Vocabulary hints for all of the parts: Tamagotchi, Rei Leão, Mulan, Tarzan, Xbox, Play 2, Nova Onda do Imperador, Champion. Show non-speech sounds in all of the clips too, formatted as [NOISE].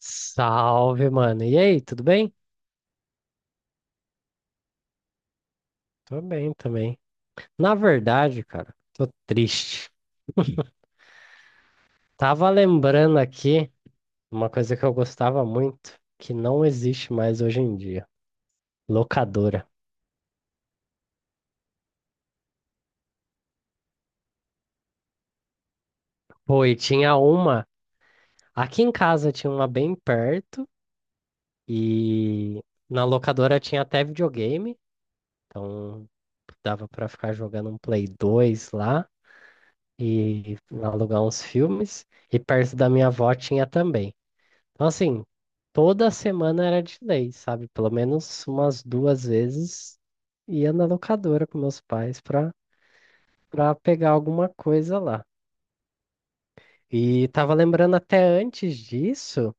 Salve, mano. E aí, tudo bem? Tô bem também. Na verdade, cara, tô triste. Tava lembrando aqui uma coisa que eu gostava muito, que não existe mais hoje em dia. Locadora. Pô, e tinha uma. Aqui em casa tinha uma bem perto, e na locadora tinha até videogame. Então dava pra ficar jogando um Play 2 lá e alugar uns filmes. E perto da minha avó tinha também. Então, assim, toda semana era de lei, sabe? Pelo menos umas duas vezes ia na locadora com meus pais pra, pra pegar alguma coisa lá. E tava lembrando até antes disso,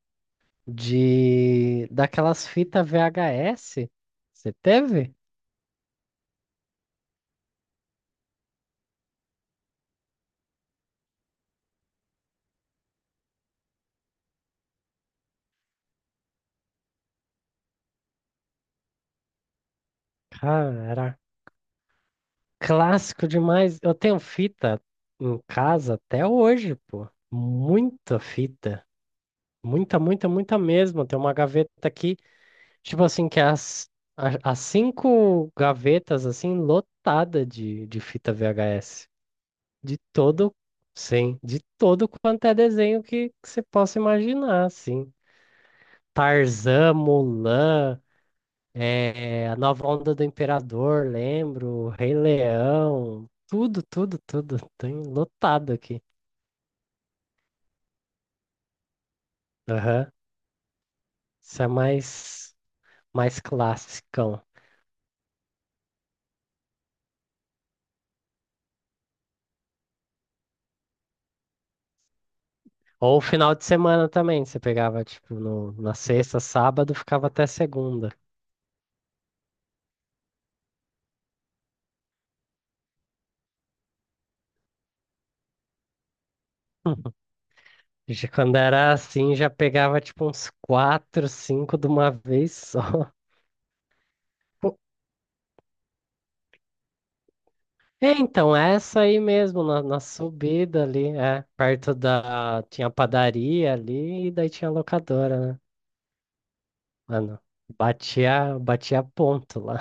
de daquelas fitas VHS. Você teve? Cara, era clássico demais. Eu tenho fita em casa até hoje, pô. Muita fita. Muita, muita, muita mesmo. Tem uma gaveta aqui. Tipo assim, as cinco gavetas, assim, lotada de fita VHS. De todo, sim, de todo quanto é desenho que você possa imaginar, assim. Tarzan, Mulan, a Nova Onda do Imperador, lembro, Rei Leão, tudo, tudo, tudo. Tem lotado aqui. Aham. Isso é mais, mais clássico. Ou final de semana também, você pegava, tipo, no, na sexta, sábado, ficava até segunda. [LAUGHS] Já quando era assim, já pegava, tipo, uns quatro, 5 de uma vez só. [LAUGHS] Pô, é, então, essa aí mesmo, na, na subida ali, é, perto da... Tinha padaria ali e daí tinha locadora, né? Mano, batia, batia ponto lá.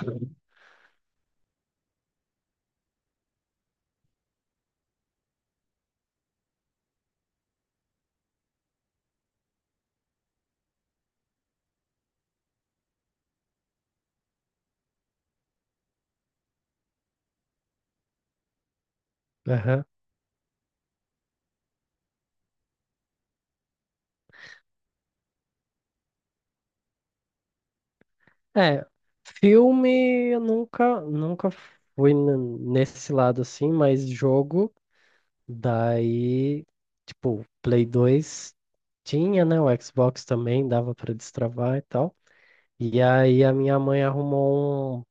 Aham. É, filme eu nunca nesse lado assim, mas jogo... Daí, tipo, Play 2 tinha, né? O Xbox também dava pra destravar e tal. E aí a minha mãe arrumou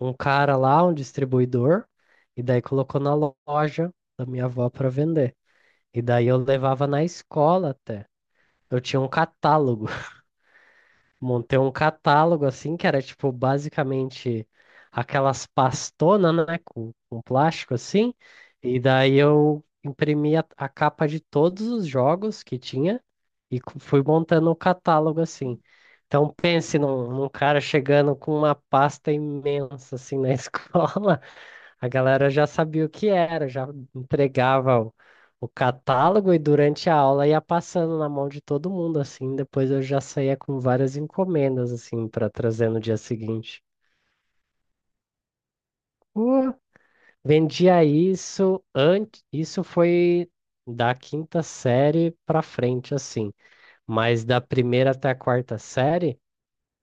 um cara lá, um distribuidor, e daí colocou na loja da minha avó pra vender. E daí eu levava na escola até. Eu tinha um catálogo, montei um catálogo assim, que era tipo basicamente aquelas pastonas, né, com plástico assim, e daí eu imprimi a capa de todos os jogos que tinha e fui montando o catálogo assim. Então pense num cara chegando com uma pasta imensa assim na [LAUGHS] escola, a galera já sabia o que era, já entregava o catálogo e durante a aula ia passando na mão de todo mundo, assim. Depois eu já saía com várias encomendas, assim, para trazer no dia seguinte. Pô, vendia isso antes. Isso foi da 5ª série para frente, assim. Mas da primeira até a 4ª série,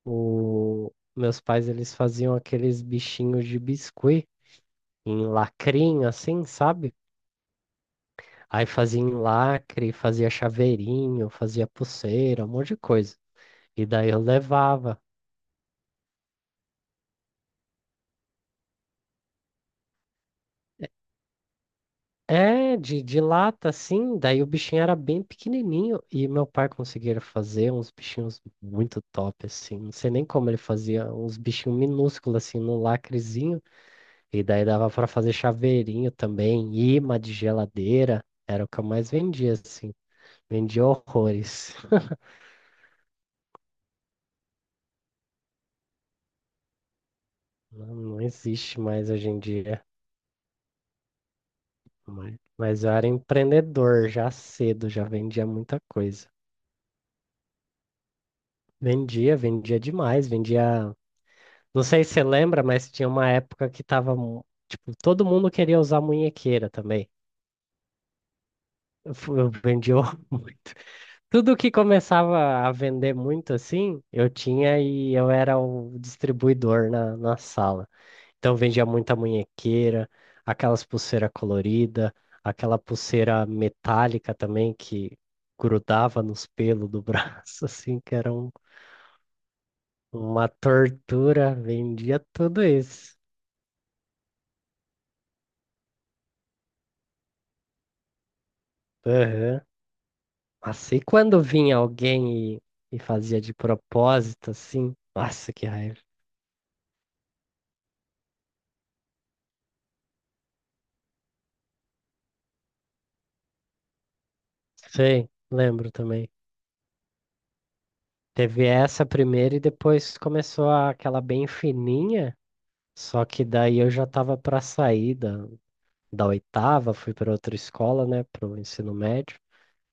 o... meus pais eles faziam aqueles bichinhos de biscuit em lacrinho, assim, sabe? Aí fazia em lacre, fazia chaveirinho, fazia pulseira, um monte de coisa. E daí eu levava. É, de lata, assim. Daí o bichinho era bem pequenininho. E meu pai conseguia fazer uns bichinhos muito top, assim. Não sei nem como ele fazia. Uns bichinhos minúsculos, assim, no lacrezinho. E daí dava pra fazer chaveirinho também. Imã de geladeira. Era o que eu mais vendia, assim. Vendia horrores. [LAUGHS] Não, não existe mais hoje em dia. Mas eu era empreendedor já cedo, já vendia muita coisa. Vendia, vendia demais, vendia. Não sei se você lembra, mas tinha uma época que tava. Tipo, todo mundo queria usar munhequeira também. Eu, eu vendia [LAUGHS] muito. Tudo que começava a vender muito assim, eu tinha e eu era o distribuidor na, na sala. Então vendia muita munhequeira, aquelas pulseira colorida, aquela pulseira metálica também que grudava nos pelos do braço, [LAUGHS] assim, uma tortura. Vendia tudo isso. Aham. Assim, quando vinha alguém e fazia de propósito, assim, nossa, que raiva. Sei, lembro também. Teve essa primeira e depois começou aquela bem fininha, só que daí eu já tava pra sair da, da 8ª, fui para outra escola, né, para o ensino médio.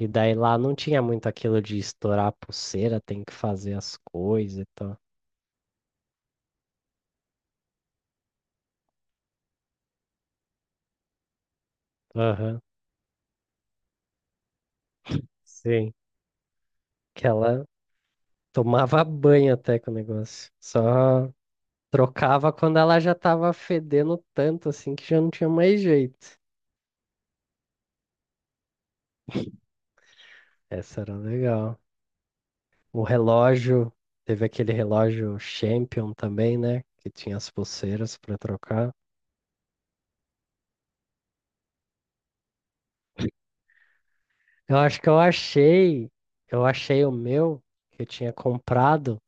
E daí lá não tinha muito aquilo de estourar a pulseira, tem que fazer as coisas e tal. Aham, sim. Que ela tomava banho até com o negócio. Só trocava quando ela já tava fedendo tanto assim que já não tinha mais jeito. Essa era legal. O relógio, teve aquele relógio Champion também, né? Que tinha as pulseiras para trocar. Eu acho que eu achei o meu que eu tinha comprado.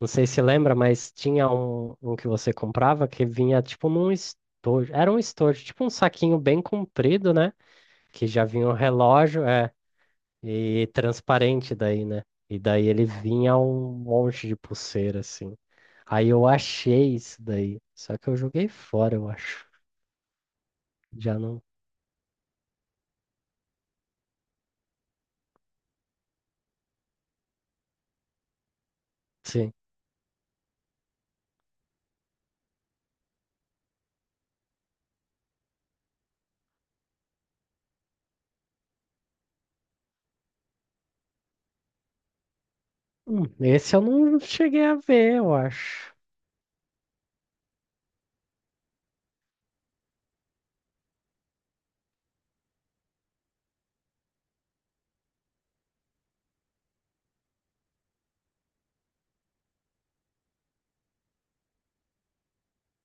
Não sei se lembra, mas tinha um que você comprava que vinha tipo num estojo. Era um estojo, tipo um saquinho bem comprido, né? Que já vinha um relógio, é, e transparente daí, né? E daí ele vinha um monte de pulseira, assim. Aí eu achei isso daí. Só que eu joguei fora, eu acho. Já não. Sim. Esse eu não cheguei a ver, eu acho.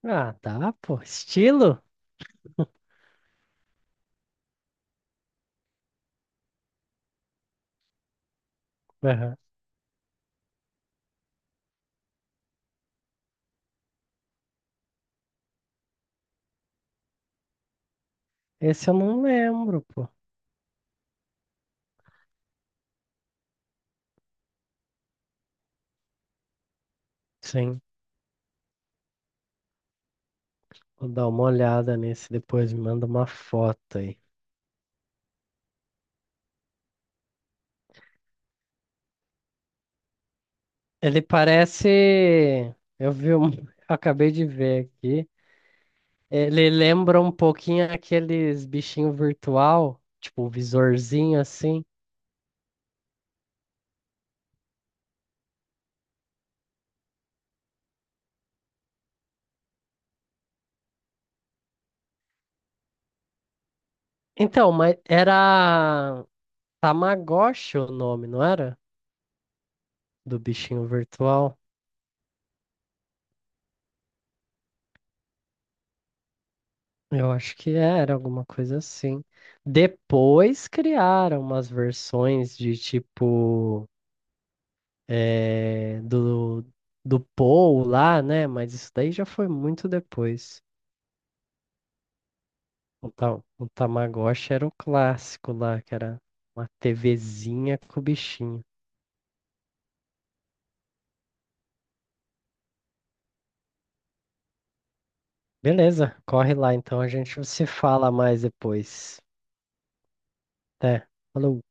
Ah, tá, pô. Estilo? Aham. Esse eu não lembro, pô. Sim, vou dar uma olhada nesse depois, me manda uma foto aí. Ele parece. Eu vi um. [LAUGHS] Eu Acabei de ver aqui. Ele lembra um pouquinho aqueles bichinhos virtual, tipo o visorzinho assim. Então, mas era Tamagotchi o nome, não era? Do bichinho virtual. Eu acho que era alguma coisa assim. Depois criaram umas versões de tipo eh, do, do Paul lá, né? Mas isso daí já foi muito depois. O, ta, o Tamagotchi era o clássico lá, que era uma TVzinha com o bichinho. Beleza, corre lá então, a gente se fala mais depois. Até. Falou.